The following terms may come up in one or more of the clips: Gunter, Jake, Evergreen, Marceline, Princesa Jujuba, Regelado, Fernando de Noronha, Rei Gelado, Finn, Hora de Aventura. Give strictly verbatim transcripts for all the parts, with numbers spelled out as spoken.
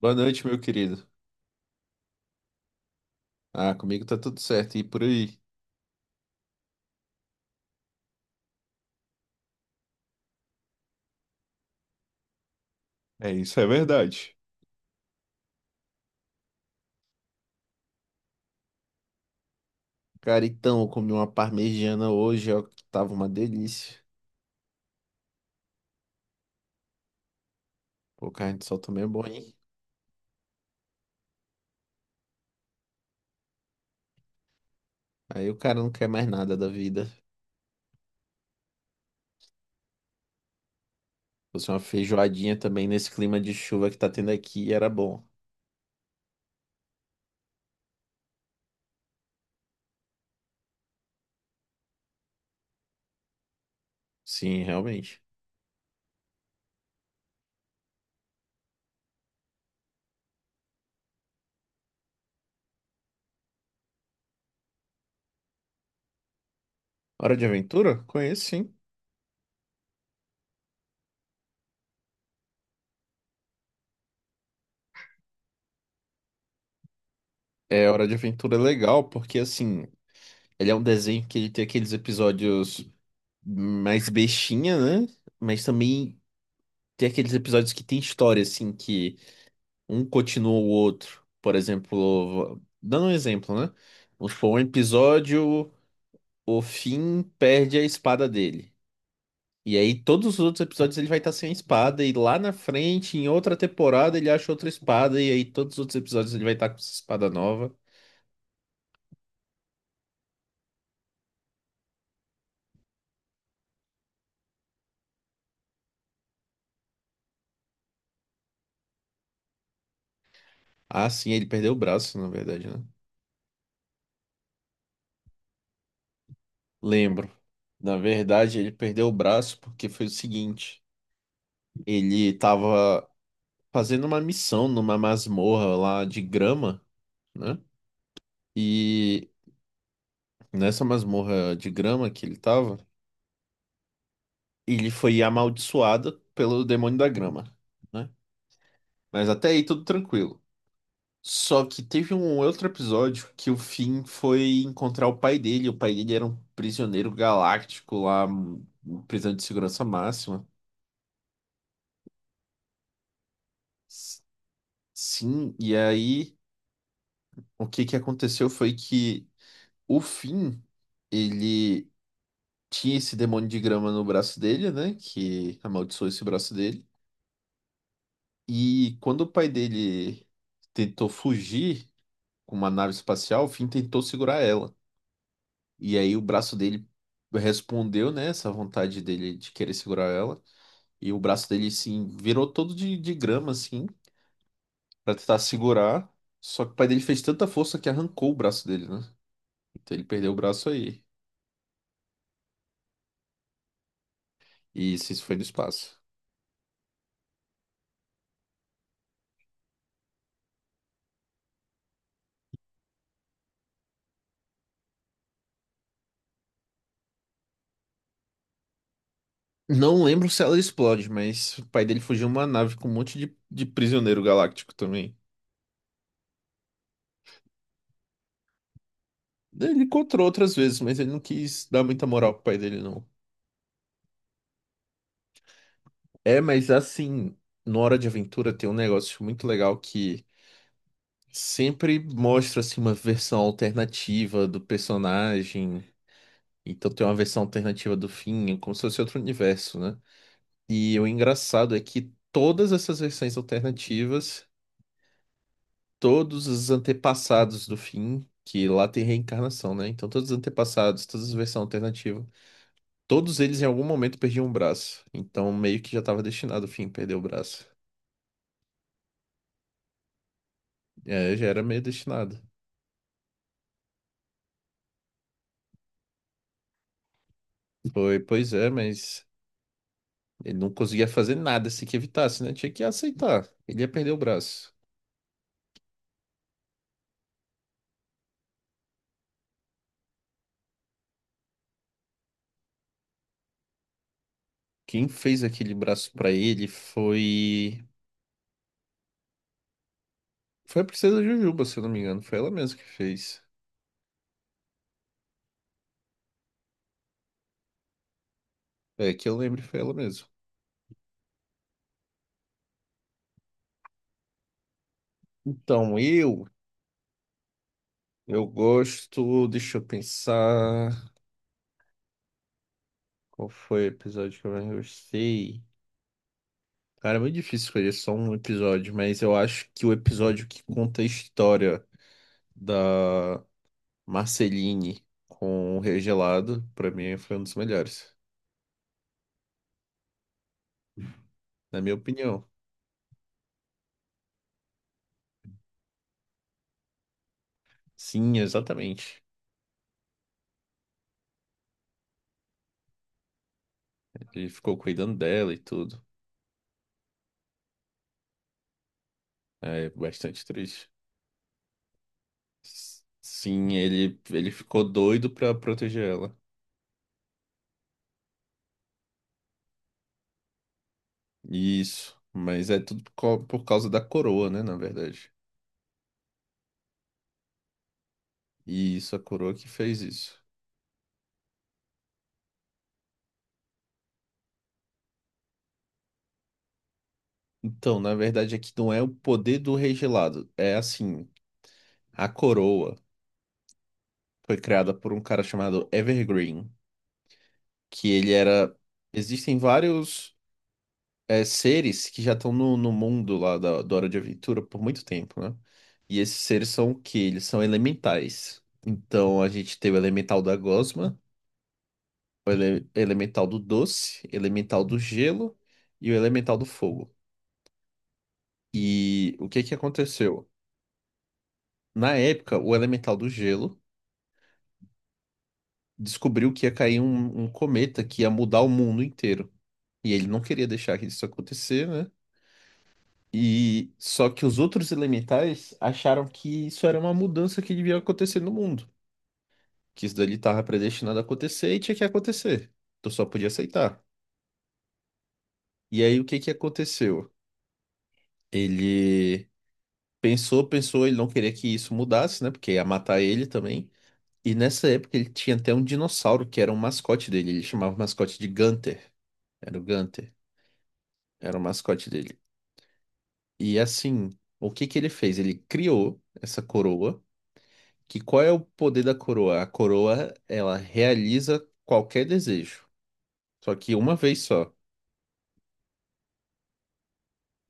Boa noite, meu querido. Ah, comigo tá tudo certo e por aí. É, isso é verdade. Cara, então, eu comi uma parmegiana hoje, ó, que tava uma delícia. Pô, carne de sol também é bom, hein? Aí o cara não quer mais nada da vida. Se Fosse uma feijoadinha também nesse clima de chuva que tá tendo aqui, era bom. Sim, realmente. Hora de Aventura? Conheço, sim. É, Hora de Aventura é legal porque, assim, ele é um desenho que ele tem aqueles episódios mais bestinha, né? Mas também tem aqueles episódios que tem história, assim, que um continua o outro. Por exemplo, dando um exemplo, né? Vamos supor, um episódio, o Finn perde a espada dele. E aí, todos os outros episódios ele vai estar sem a espada, e lá na frente, em outra temporada, ele acha outra espada, e aí todos os outros episódios ele vai estar com essa espada nova. Ah, sim, ele perdeu o braço, na verdade, né? Lembro. Na verdade, ele perdeu o braço porque foi o seguinte: ele tava fazendo uma missão numa masmorra lá de grama, né? e Nessa masmorra de grama que ele tava, ele foi amaldiçoado pelo demônio da grama, né? Mas até aí tudo tranquilo. Só que teve um outro episódio que o Finn foi encontrar o pai dele. O pai dele era um prisioneiro galáctico lá, um- um prisão de segurança máxima. S- Sim, e aí o que que aconteceu foi que o Finn, ele tinha esse demônio de grama no braço dele, né? Que amaldiçoou esse braço dele. E quando o pai dele tentou fugir com uma nave espacial, o Finn tentou segurar ela. E aí o braço dele respondeu, né, essa vontade dele de querer segurar ela. E o braço dele, assim, virou todo de, de grama, assim, pra tentar segurar. Só que o pai dele fez tanta força que arrancou o braço dele, né? Então ele perdeu o braço aí. E isso, isso foi no espaço. Não lembro se ela explode, mas o pai dele fugiu uma nave com um monte de, de prisioneiro galáctico também. Ele encontrou outras vezes, mas ele não quis dar muita moral pro pai dele, não. É, mas assim, no Hora de Aventura tem um negócio muito legal que sempre mostra, assim, uma versão alternativa do personagem. Então tem uma versão alternativa do fim, é como se fosse outro universo, né? E o engraçado é que todas essas versões alternativas, todos os antepassados do fim, que lá tem reencarnação, né? Então todos os antepassados, todas as versões alternativas, todos eles em algum momento perdiam um braço. Então meio que já estava destinado, o fim, perder o braço. É, já era meio destinado. Foi, pois é, mas ele não conseguia fazer nada se que evitasse, né? Tinha que aceitar. Ele ia perder o braço. Quem fez aquele braço pra ele foi foi a princesa Jujuba, se eu não me engano, foi ela mesma que fez. É, que eu lembro foi ela mesma. Então, eu eu gosto, deixa eu pensar, qual foi o episódio que eu mais gostei? Cara, é muito difícil escolher só um episódio, mas eu acho que o episódio que conta a história da Marceline com o Regelado, pra mim, foi um dos melhores, na minha opinião. Sim, exatamente. Ele ficou cuidando dela e tudo. É bastante triste. S- Sim, ele, ele ficou doido pra proteger ela. Isso, mas é tudo por cau- por causa da coroa, né, na verdade. E isso, a coroa que fez isso. Então, na verdade, aqui não é o poder do rei gelado. É assim, a coroa foi criada por um cara chamado Evergreen, que ele era. Existem vários, é, seres que já estão no, no mundo lá da, da Hora de Aventura por muito tempo, né? E esses seres são o quê? Eles são elementais. Então a gente tem o elemental da gosma, o ele- elemental do doce, elemental do gelo e o elemental do fogo. E o que que aconteceu? Na época, o elemental do gelo descobriu que ia cair um, um cometa que ia mudar o mundo inteiro. E ele não queria deixar que isso acontecer, né? E só que os outros elementais acharam que isso era uma mudança que devia acontecer no mundo, que isso dali estava predestinado a acontecer e tinha que acontecer. Tu só podia aceitar. E aí o que que aconteceu? Ele pensou, pensou, ele não queria que isso mudasse, né? Porque ia matar ele também. E nessa época ele tinha até um dinossauro que era um mascote dele, ele chamava o mascote de Gunter. Era o Gunter, era o mascote dele. E assim, o que que ele fez? Ele criou essa coroa, que qual é o poder da coroa? A coroa, ela realiza qualquer desejo, só que uma vez só.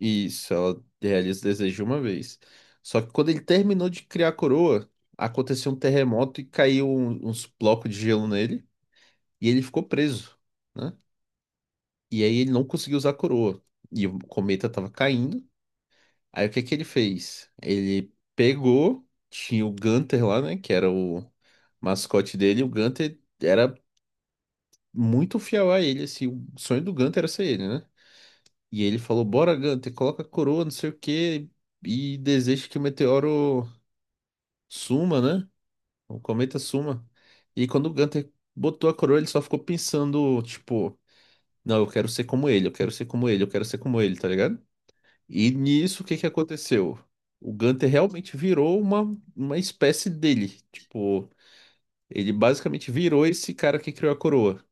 Isso, ela realiza o desejo uma vez. Só que quando ele terminou de criar a coroa, aconteceu um terremoto e caiu um- uns blocos de gelo nele, e ele ficou preso, né? E aí ele não conseguiu usar a coroa. E o cometa estava caindo. Aí o que que ele fez? Ele pegou, tinha o Gunter lá, né? Que era o mascote dele. O Gunter era muito fiel a ele, assim. O sonho do Gunter era ser ele, né? E ele falou: Bora, Gunter, coloca a coroa, não sei o quê, e deseja que o meteoro suma, né? O cometa suma. E quando o Gunter botou a coroa, ele só ficou pensando, tipo, não, eu quero ser como ele, eu quero ser como ele, eu quero ser como ele, tá ligado? E nisso, o que que aconteceu? O Gunter realmente virou uma, uma espécie dele. Tipo, ele basicamente virou esse cara que criou a coroa.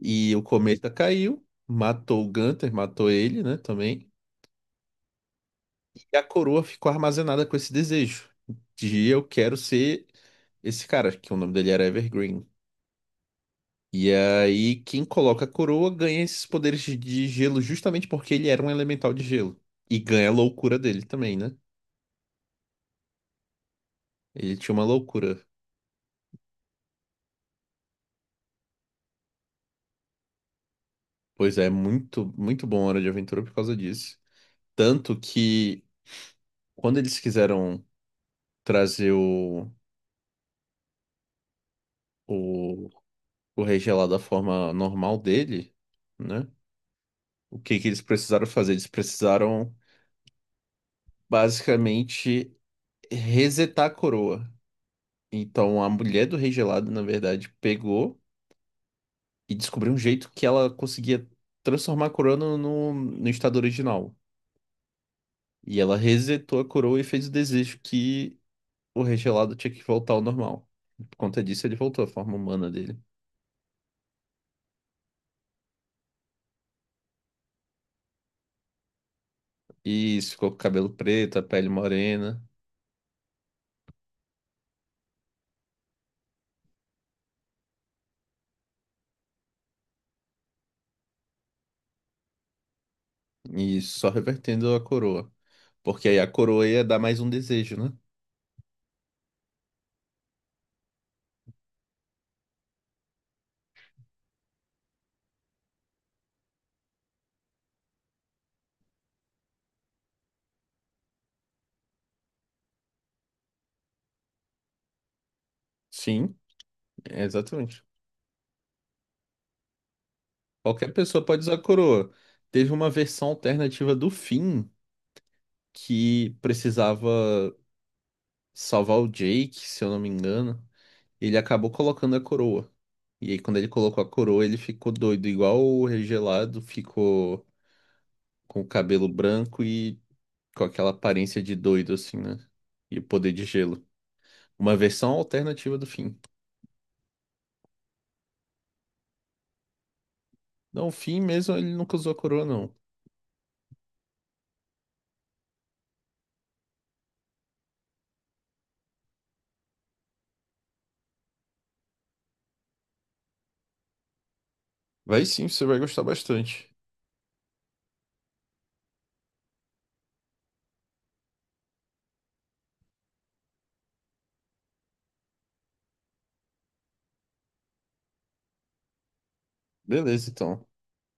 E o cometa caiu, matou o Gunter, matou ele, né, também. E a coroa ficou armazenada com esse desejo de eu quero ser esse cara, que o nome dele era Evergreen. E aí, quem coloca a coroa ganha esses poderes de de gelo justamente porque ele era um elemental de gelo. E ganha a loucura dele também, né? Ele tinha uma loucura. Pois é, muito, muito bom Hora de Aventura por causa disso. Tanto que quando eles quiseram trazer o, o, o Rei Gelado da forma normal dele, né? O que que eles precisaram fazer? Eles precisaram basicamente resetar a coroa. Então a mulher do Rei Gelado, na verdade, pegou e descobriu um jeito que ela conseguia transformar a coroa no, no, no estado original. E ela resetou a coroa e fez o desejo que o regelado tinha que voltar ao normal. Por conta disso, ele voltou à forma humana dele. E isso ficou com o cabelo preto, a pele morena, e isso, só revertendo a coroa. Porque aí a coroa ia dar mais um desejo, né? Sim, é exatamente. Qualquer pessoa pode usar a coroa. Teve uma versão alternativa do Finn que precisava salvar o Jake, se eu não me engano. Ele acabou colocando a coroa. E aí, quando ele colocou a coroa, ele ficou doido, igual o regelado ficou com o cabelo branco e com aquela aparência de doido, assim, né? E o poder de gelo. Uma versão alternativa do Finn. Não, o Finn mesmo, ele nunca usou a coroa, não. Vai, sim, você vai gostar bastante. Beleza, então.